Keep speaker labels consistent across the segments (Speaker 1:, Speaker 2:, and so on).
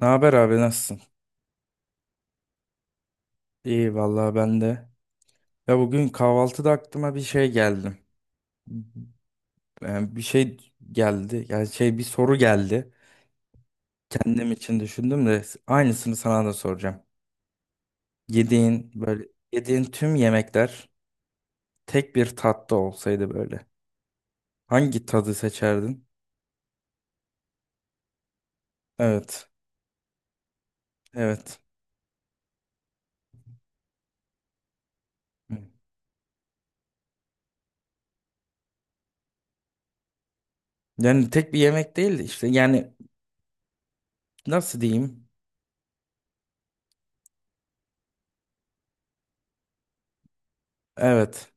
Speaker 1: Ne haber abi, nasılsın? İyi vallahi, ben de. Ya bugün kahvaltıda aklıma bir şey geldi. Yani bir şey geldi. Yani bir soru geldi. Kendim için düşündüm de aynısını sana da soracağım. Yediğin böyle Yediğin tüm yemekler tek bir tatta olsaydı böyle. Hangi tadı seçerdin? Evet. Evet. Yani tek bir yemek değil de işte yani nasıl diyeyim? Evet.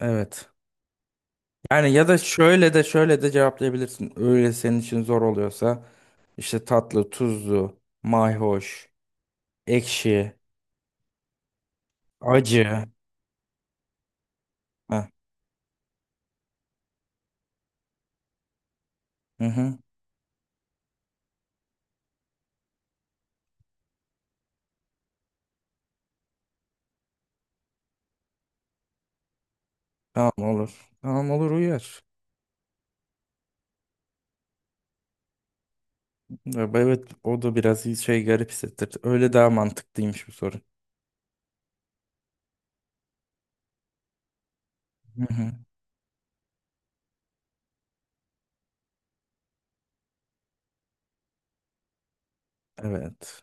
Speaker 1: Evet. Yani ya da şöyle de şöyle de cevaplayabilirsin. Öyle senin için zor oluyorsa işte tatlı, tuzlu, mayhoş, ekşi, acı. Heh, hı hı. Tamam olur. Tamam olur, uyar. Ya, evet, o da biraz şey, garip hissettir. Öyle daha mantıklıymış bu soru. Hı hı. Evet.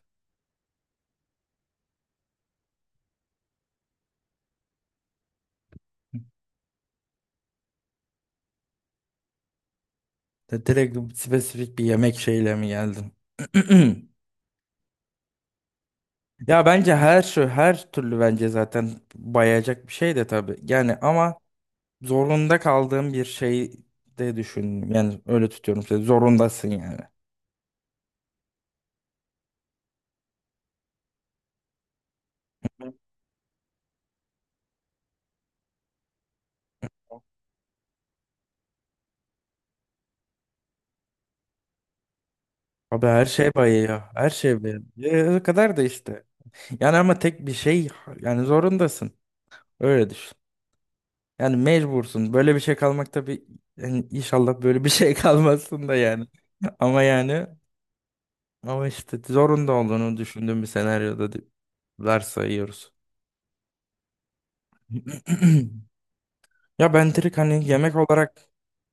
Speaker 1: De direkt spesifik bir yemek şeyle mi geldin? Ya bence her şu her türlü, bence zaten bayacak bir şey de tabii. Yani ama zorunda kaldığım bir şey de düşün. Yani öyle tutuyorum seni. Zorundasın yani. Abi, her şey bayıyor. Her şey bayıyor. Ya o kadar da işte. Yani ama tek bir şey, yani zorundasın. Öyle düşün. Yani mecbursun. Böyle bir şey kalmak tabii, yani inşallah böyle bir şey kalmazsın da yani. Ama yani, ama işte zorunda olduğunu düşündüğüm bir senaryoda varsayıyoruz. Ya ben direkt hani yemek olarak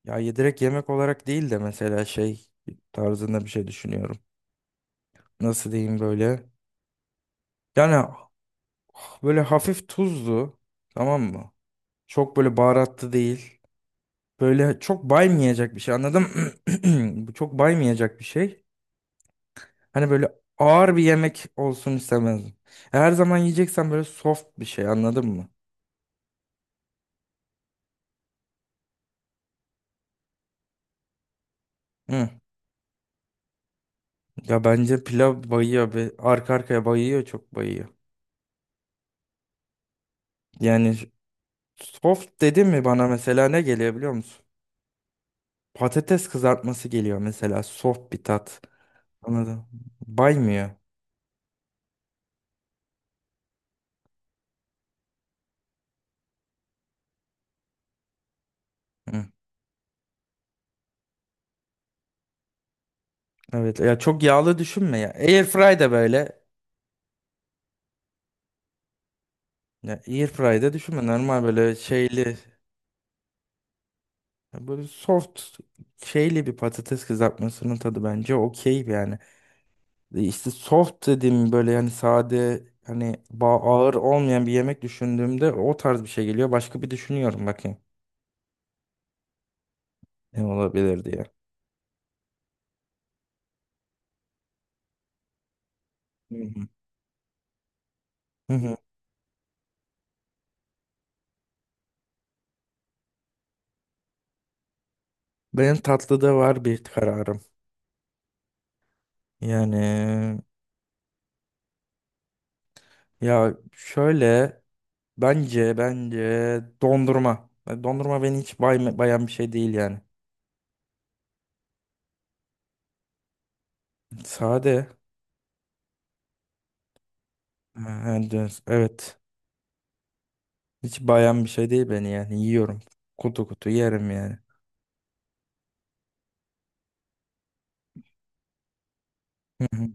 Speaker 1: Ya direkt yemek olarak değil de mesela şey tarzında bir şey düşünüyorum. Nasıl diyeyim böyle? Yani böyle hafif tuzlu, tamam mı? Çok böyle baharatlı değil. Böyle çok baymayacak bir şey, anladım. Bu çok baymayacak bir şey. Hani böyle ağır bir yemek olsun istemezdim. Her zaman yiyeceksen böyle soft bir şey, anladın mı? Hı. Ya bence pilav bayıyor be. Arka arkaya bayıyor, çok bayıyor. Yani, soft dedin mi bana mesela ne geliyor biliyor musun? Patates kızartması geliyor mesela, soft bir tat. Anladım. Baymıyor. Hı. Evet, ya çok yağlı düşünme ya. Airfry de böyle. Ya airfry de düşünme, normal böyle şeyli, böyle soft şeyli bir patates kızartmasının tadı bence okey yani. E İşte soft dediğim böyle yani sade, hani ağır olmayan bir yemek düşündüğümde o tarz bir şey geliyor. Başka bir düşünüyorum bakayım ne olabilir diye. Hı hı. Hı hı. Benim tatlıda var bir kararım. Yani ya şöyle, bence dondurma. Dondurma beni hiç bayan bir şey değil yani. Sade. Ha, evet. Hiç bayan bir şey değil beni yani. Yiyorum. Kutu kutu yerim yani. Hı hı.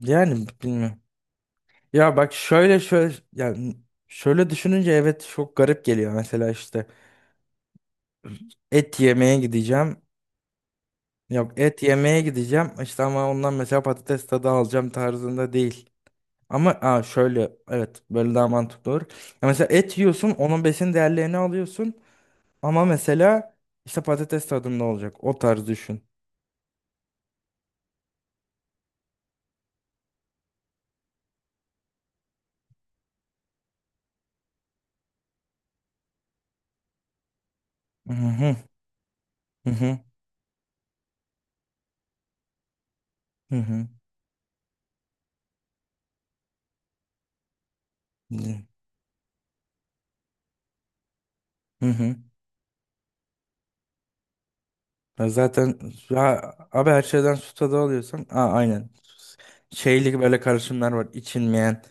Speaker 1: Yani bilmiyorum. Ya bak, şöyle yani, şöyle düşününce evet, çok garip geliyor. Mesela işte et yemeye gideceğim. Yok, et yemeye gideceğim işte, ama ondan mesela patates tadı alacağım tarzında değil. Ama aa, şöyle evet, böyle daha mantıklı olur. Ya mesela et yiyorsun, onun besin değerlerini alıyorsun, ama mesela işte patates tadında olacak, o tarz düşün. Hı hı, hı hı, hı hı. Hı hı. Hı. Ya zaten, ya abi, her şeyden su tadı alıyorsan aa, aynen, şeylik böyle karışımlar var içilmeyen.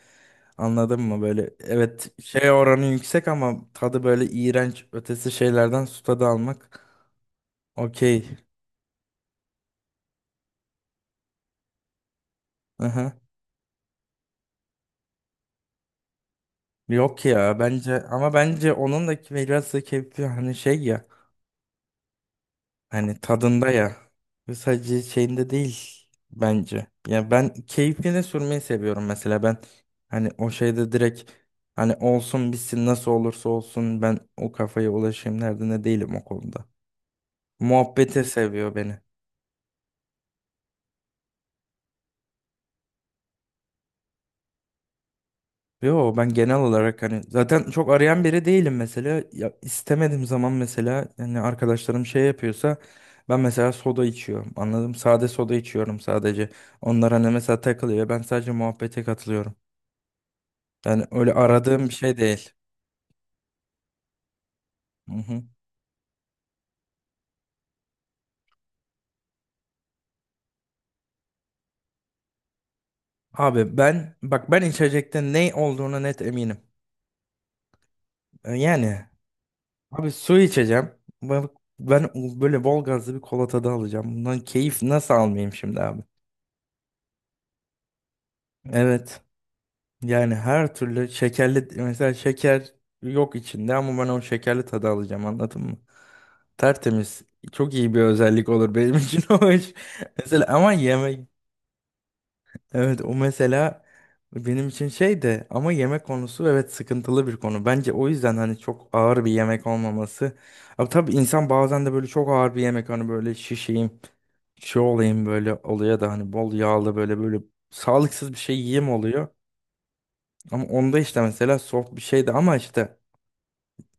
Speaker 1: Anladın mı? Böyle evet, şey oranı yüksek ama tadı böyle iğrenç ötesi şeylerden su tadı almak. Okey. Aha. Yok ya, bence ama, bence onun da biraz da keyfi, hani şey ya, hani tadında ya, sadece şeyinde değil bence. Ya ben keyfini sürmeyi seviyorum mesela, ben hani o şeyde direkt hani olsun bitsin, nasıl olursa olsun ben o kafaya ulaşayım derdinde değilim o konuda. Muhabbeti seviyor beni. Yo, ben genel olarak hani zaten çok arayan biri değilim mesela. Ya istemediğim zaman mesela hani arkadaşlarım şey yapıyorsa, ben mesela soda içiyorum. Anladım. Sade soda içiyorum sadece. Onlar hani mesela takılıyor. Ben sadece muhabbete katılıyorum. Yani öyle aradığım bir şey değil. Hı hı. Abi, ben bak, ben içecekte ne olduğuna net eminim. E yani abi, su içeceğim. Ben, ben böyle bol gazlı bir kola tadı alacağım. Bundan keyif nasıl almayayım şimdi abi? Evet. Yani her türlü şekerli, mesela şeker yok içinde ama ben o şekerli tadı alacağım, anladın mı? Tertemiz. Çok iyi bir özellik olur benim için o iş. Mesela ama yemek, evet, o mesela benim için şey de, ama yemek konusu evet, sıkıntılı bir konu. Bence o yüzden hani çok ağır bir yemek olmaması. Ama tabii insan bazen de böyle çok ağır bir yemek, hani böyle şişeyim, şey olayım böyle oluyor da, hani bol yağlı böyle böyle sağlıksız bir şey yiyeyim oluyor. Ama onda işte mesela soft bir şeydi, ama işte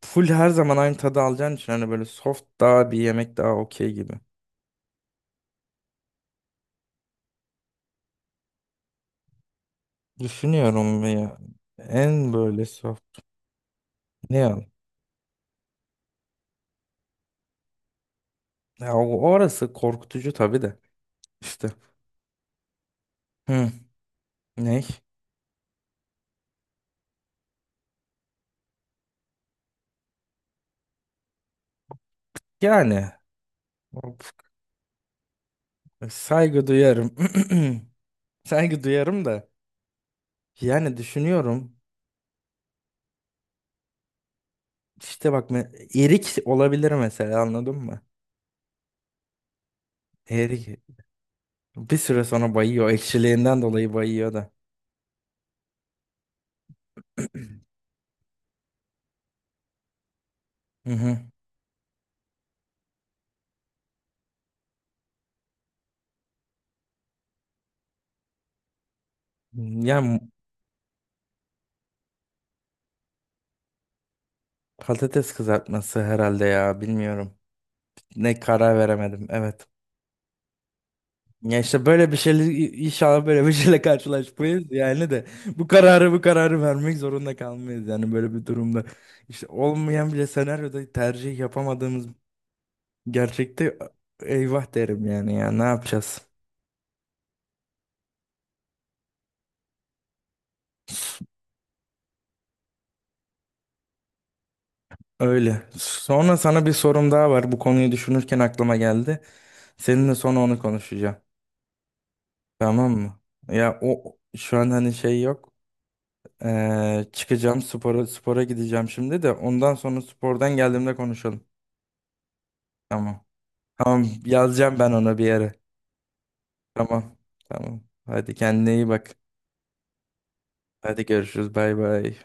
Speaker 1: full her zaman aynı tadı alacağın için hani böyle soft daha, bir yemek daha okey gibi. Düşünüyorum ve ya en böyle soft, ne ya? Ya orası korkutucu tabii de işte. Hı, ne? Yani of, saygı duyarım. Saygı duyarım da yani düşünüyorum işte bak, erik olabilir mesela, anladın mı? Erik bir süre sonra bayıyor, ekşiliğinden dolayı bayıyor da. Hı hı. Ya patates kızartması herhalde ya, bilmiyorum. Ne, karar veremedim evet. Ya işte böyle bir şeyle inşallah böyle bir şeyle karşılaşmayız yani, de bu kararı vermek zorunda kalmayız yani, böyle bir durumda. İşte olmayan bile senaryoda tercih yapamadığımız, gerçekte eyvah derim yani, ya ne yapacağız? Öyle. Sonra sana bir sorum daha var. Bu konuyu düşünürken aklıma geldi. Seninle sonra onu konuşacağım. Tamam mı? Ya o şu an hani şey yok. Çıkacağım, spora gideceğim şimdi de, ondan sonra spordan geldiğimde konuşalım. Tamam. Tamam, yazacağım ben ona bir yere. Tamam. Tamam. Hadi, kendine iyi bak. Hadi görüşürüz. Bay bay.